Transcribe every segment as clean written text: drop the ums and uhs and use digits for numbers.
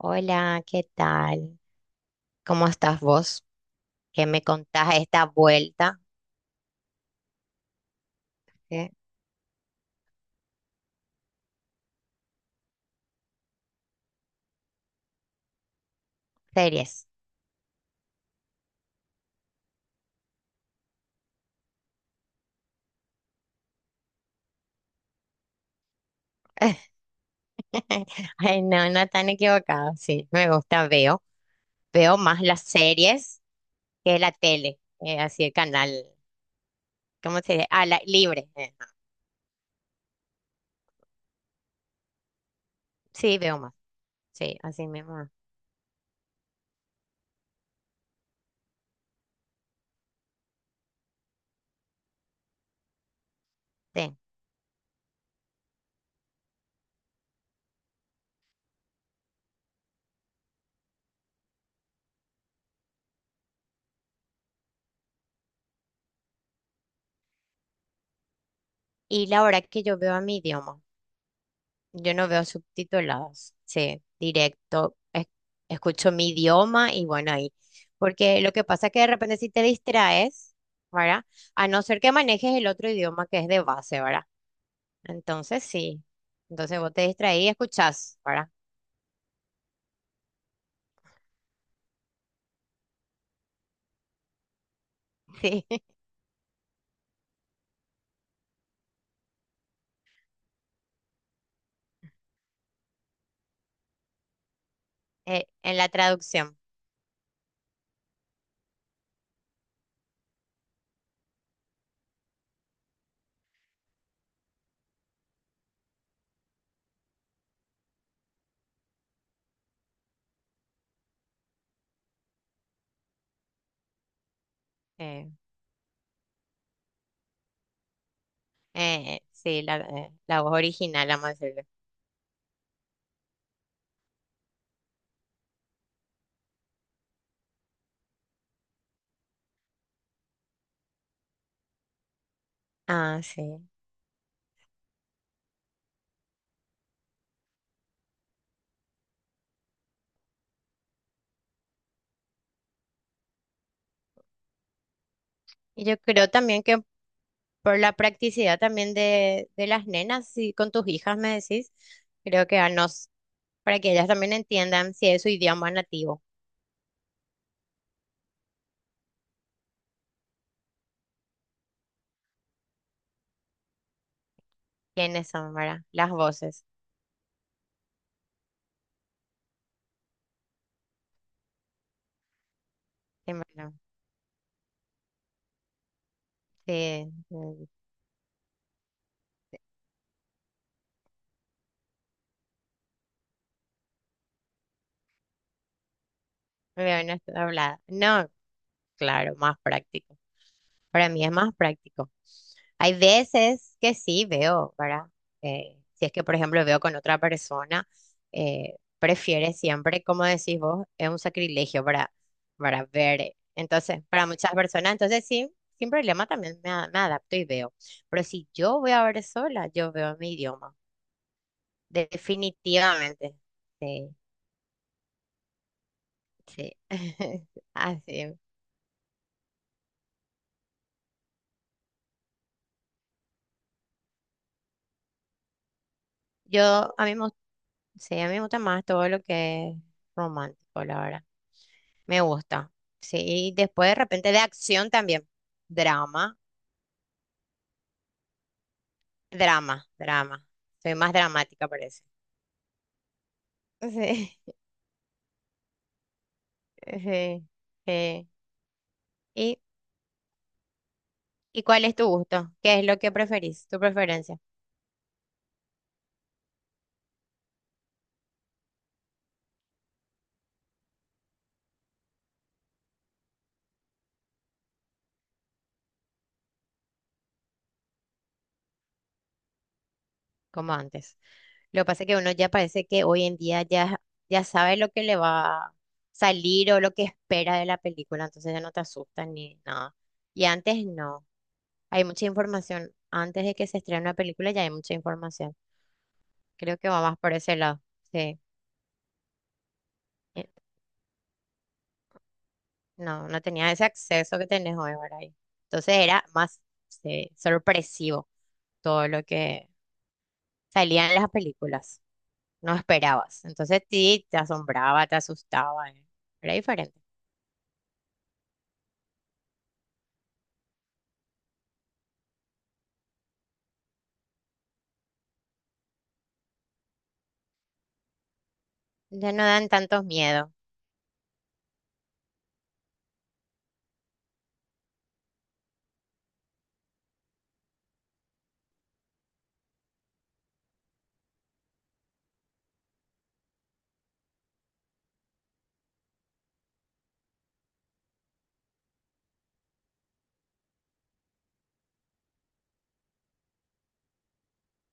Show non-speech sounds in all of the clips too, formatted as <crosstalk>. Hola, ¿qué tal? ¿Cómo estás vos? ¿Qué me contás a esta vuelta? ¿Qué series? <laughs> Ay, no, no tan equivocado. Sí, me gusta, veo. Veo más las series que la tele, así el canal, ¿cómo se dice? Ah, la libre. Sí, veo más. Sí, así mismo. Sí. Y la hora que yo veo a mi idioma. Yo no veo subtituladas, sí, directo. Escucho mi idioma y bueno, ahí. Porque lo que pasa es que de repente si te distraes, ¿verdad? A no ser que manejes el otro idioma que es de base, ¿verdad? Entonces sí. Entonces vos te distraís y escuchás, ¿verdad? <laughs> Sí, en la traducción. eh, sí, la, la voz original, vamos a decirle. Ah, sí. Y yo creo también que por la practicidad también de las nenas, y con tus hijas me decís, creo que a nos, para que ellas también entiendan si es su idioma nativo, quiénes son, ¿verdad? Las voces. Sí, bueno, sí, sí, me veo en esta hablada. No, claro, más práctico. Para mí es más práctico. Hay veces que sí veo, ¿verdad? Si es que, por ejemplo, veo con otra persona, prefiere siempre, como decís vos, es un sacrilegio para ver. Entonces, para muchas personas, entonces sí, sin problema también me, me adapto y veo. Pero si yo voy a ver sola, yo veo en mi idioma. Definitivamente. Sí, sí. <laughs> Así. Yo, a mí me Sí, a mí me gusta más todo lo que es romántico, la verdad. Me gusta. Sí, y después de repente de acción también. Drama, drama, drama. Soy más dramática, parece. Sí, <laughs> sí, sí. ¿Y, y cuál es tu gusto? ¿Qué es lo que preferís? ¿Tu preferencia? Como antes. Lo que pasa es que uno ya parece que hoy en día ya, ya sabe lo que le va a salir o lo que espera de la película, entonces ya no te asusta ni nada. Y antes no, hay mucha información. Antes de que se estrene una película ya hay mucha información. Creo que va más por ese lado. Sí. Eh, No, no tenía ese acceso que tenés hoy, ¿verdad? Y entonces era más sí, sorpresivo todo lo que salían las películas, no esperabas. Entonces sí, te asombraba, te asustaba, era diferente. Ya no dan tantos miedos,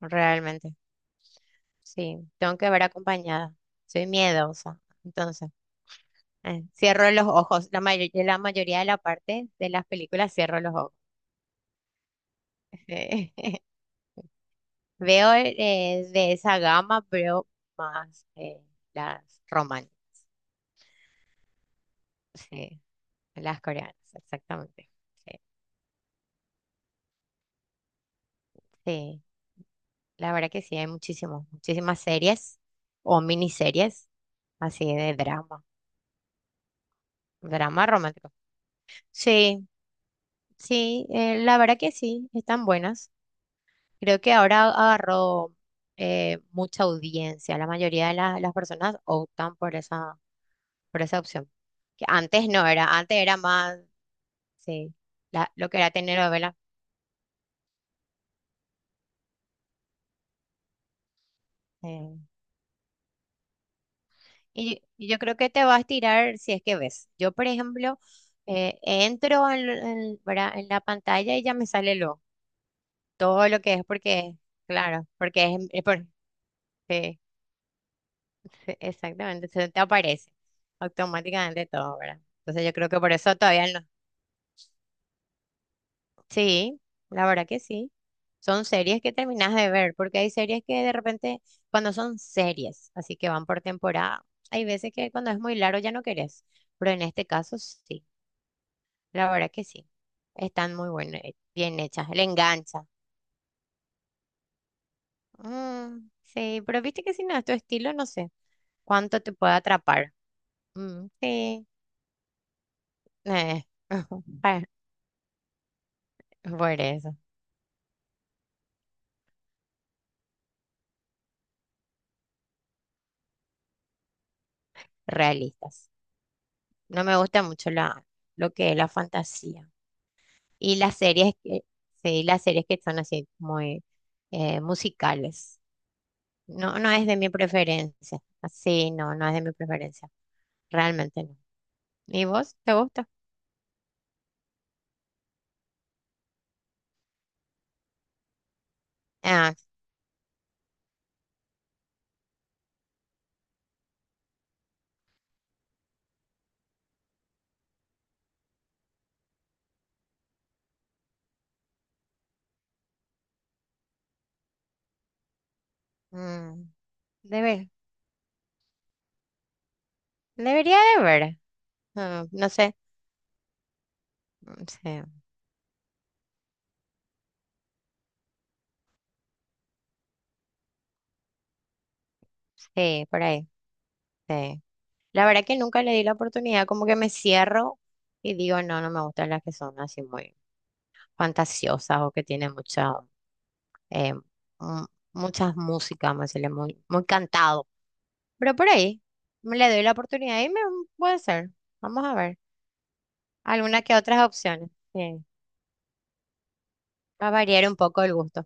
realmente. Sí, tengo que ver acompañada. Soy miedosa. Entonces, cierro los ojos. La mayoría de la parte de las películas cierro los ojos. <laughs> Veo de esa gama, veo más las romanas, sí, las coreanas, exactamente. Sí, sí. La verdad que sí, hay muchísimos, muchísimas series o miniseries así de drama, drama romántico. Sí, sí, la verdad que sí, están buenas. Creo que ahora agarró mucha audiencia. La mayoría de las personas optan por esa opción. Que antes no era, antes era más, sí, lo que era telenovela. Y yo creo que te vas a tirar si es que ves. Yo, por ejemplo, entro en, ¿verdad? En la pantalla y ya me sale lo, todo lo que es porque, claro, porque es por- sí, sí, exactamente, se te aparece automáticamente todo, ¿verdad? Entonces yo creo que por eso todavía no. Sí, la verdad que sí. Son series que terminas de ver, porque hay series que de repente, cuando son series, así que van por temporada, hay veces que cuando es muy largo ya no querés, pero en este caso sí. La verdad que sí. Están muy buenas, bien hechas. Le engancha. Mm, sí, pero viste que si no es tu estilo, no sé cuánto te puede atrapar. Mm, sí. Eh, <laughs> pa- Por eso, realistas. No me gusta mucho la, lo que es la fantasía. Y las series que, sí, las series que son así muy musicales. No, no es de mi preferencia. Sí, no, no es de mi preferencia. Realmente no. ¿Y vos? ¿Te gusta? Ah, mm, de ver- Debería de ver. Ah, no sé. Mm, sí, sí, por ahí. Sí. La verdad que nunca le di la oportunidad, como que me cierro y digo, no, no me gustan las que son así muy fantasiosas o que tienen mucha, eh, mm, muchas músicas, vamos a decirle, muy, muy cantado. Pero por ahí me le doy la oportunidad y me puede ser. Vamos a ver. Algunas que otras opciones. Sí. Va a variar un poco el gusto.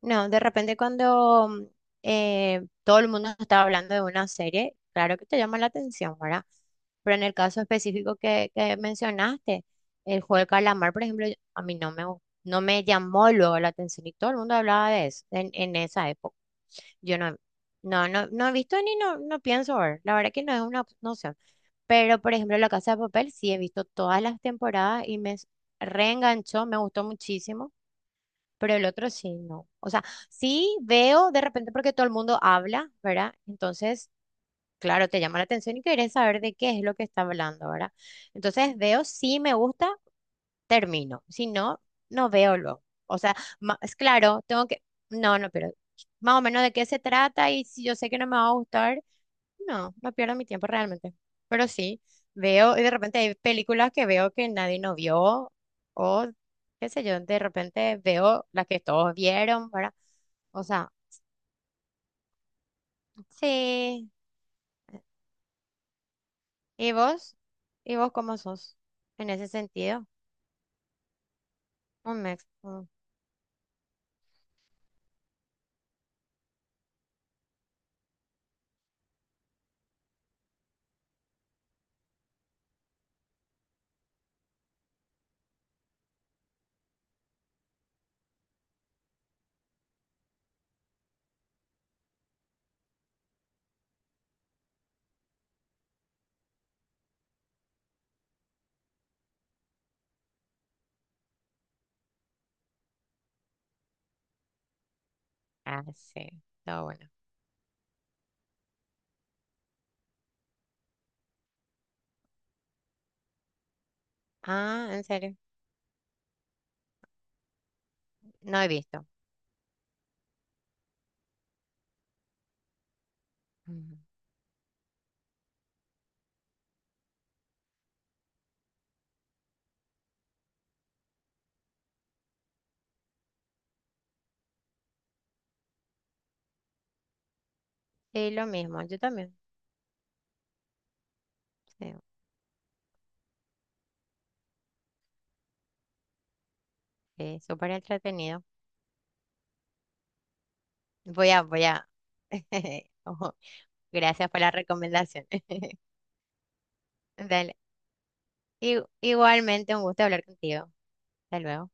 No, de repente cuando todo el mundo está hablando de una serie, claro que te llama la atención, ¿verdad? En el caso específico que mencionaste, el juego del calamar, por ejemplo, a mí no me, no me llamó luego la atención y todo el mundo hablaba de eso en esa época. Yo no, no, no, no he visto ni no, no pienso ver. La verdad que no es una no sé. Pero, por ejemplo, La Casa de Papel sí he visto todas las temporadas y me reenganchó, me gustó muchísimo pero el otro sí, no. O sea, sí veo de repente porque todo el mundo habla, ¿verdad? Entonces, claro, te llama la atención y quieres saber de qué es lo que está hablando, ¿verdad? Entonces veo si me gusta, termino. Si no, no veo lo. O sea, es claro, tengo que, no, no, pero más o menos de qué se trata y si yo sé que no me va a gustar, no, no pierdo mi tiempo realmente. Pero sí, veo, y de repente hay películas que veo que nadie no vio, o qué sé yo, de repente veo las que todos vieron, ¿verdad? O sea, sí. ¿Y vos? ¿Y vos cómo sos? En ese sentido, un mix. Mm. Ah, sí, todo bueno. Ah, en serio, no he visto. Ujú. Sí, lo mismo, yo también. Sí, sí, súper entretenido. Voy a, voy a. <laughs> Ojo, gracias por la recomendación. <laughs> Dale. Igualmente, un gusto hablar contigo. Hasta luego.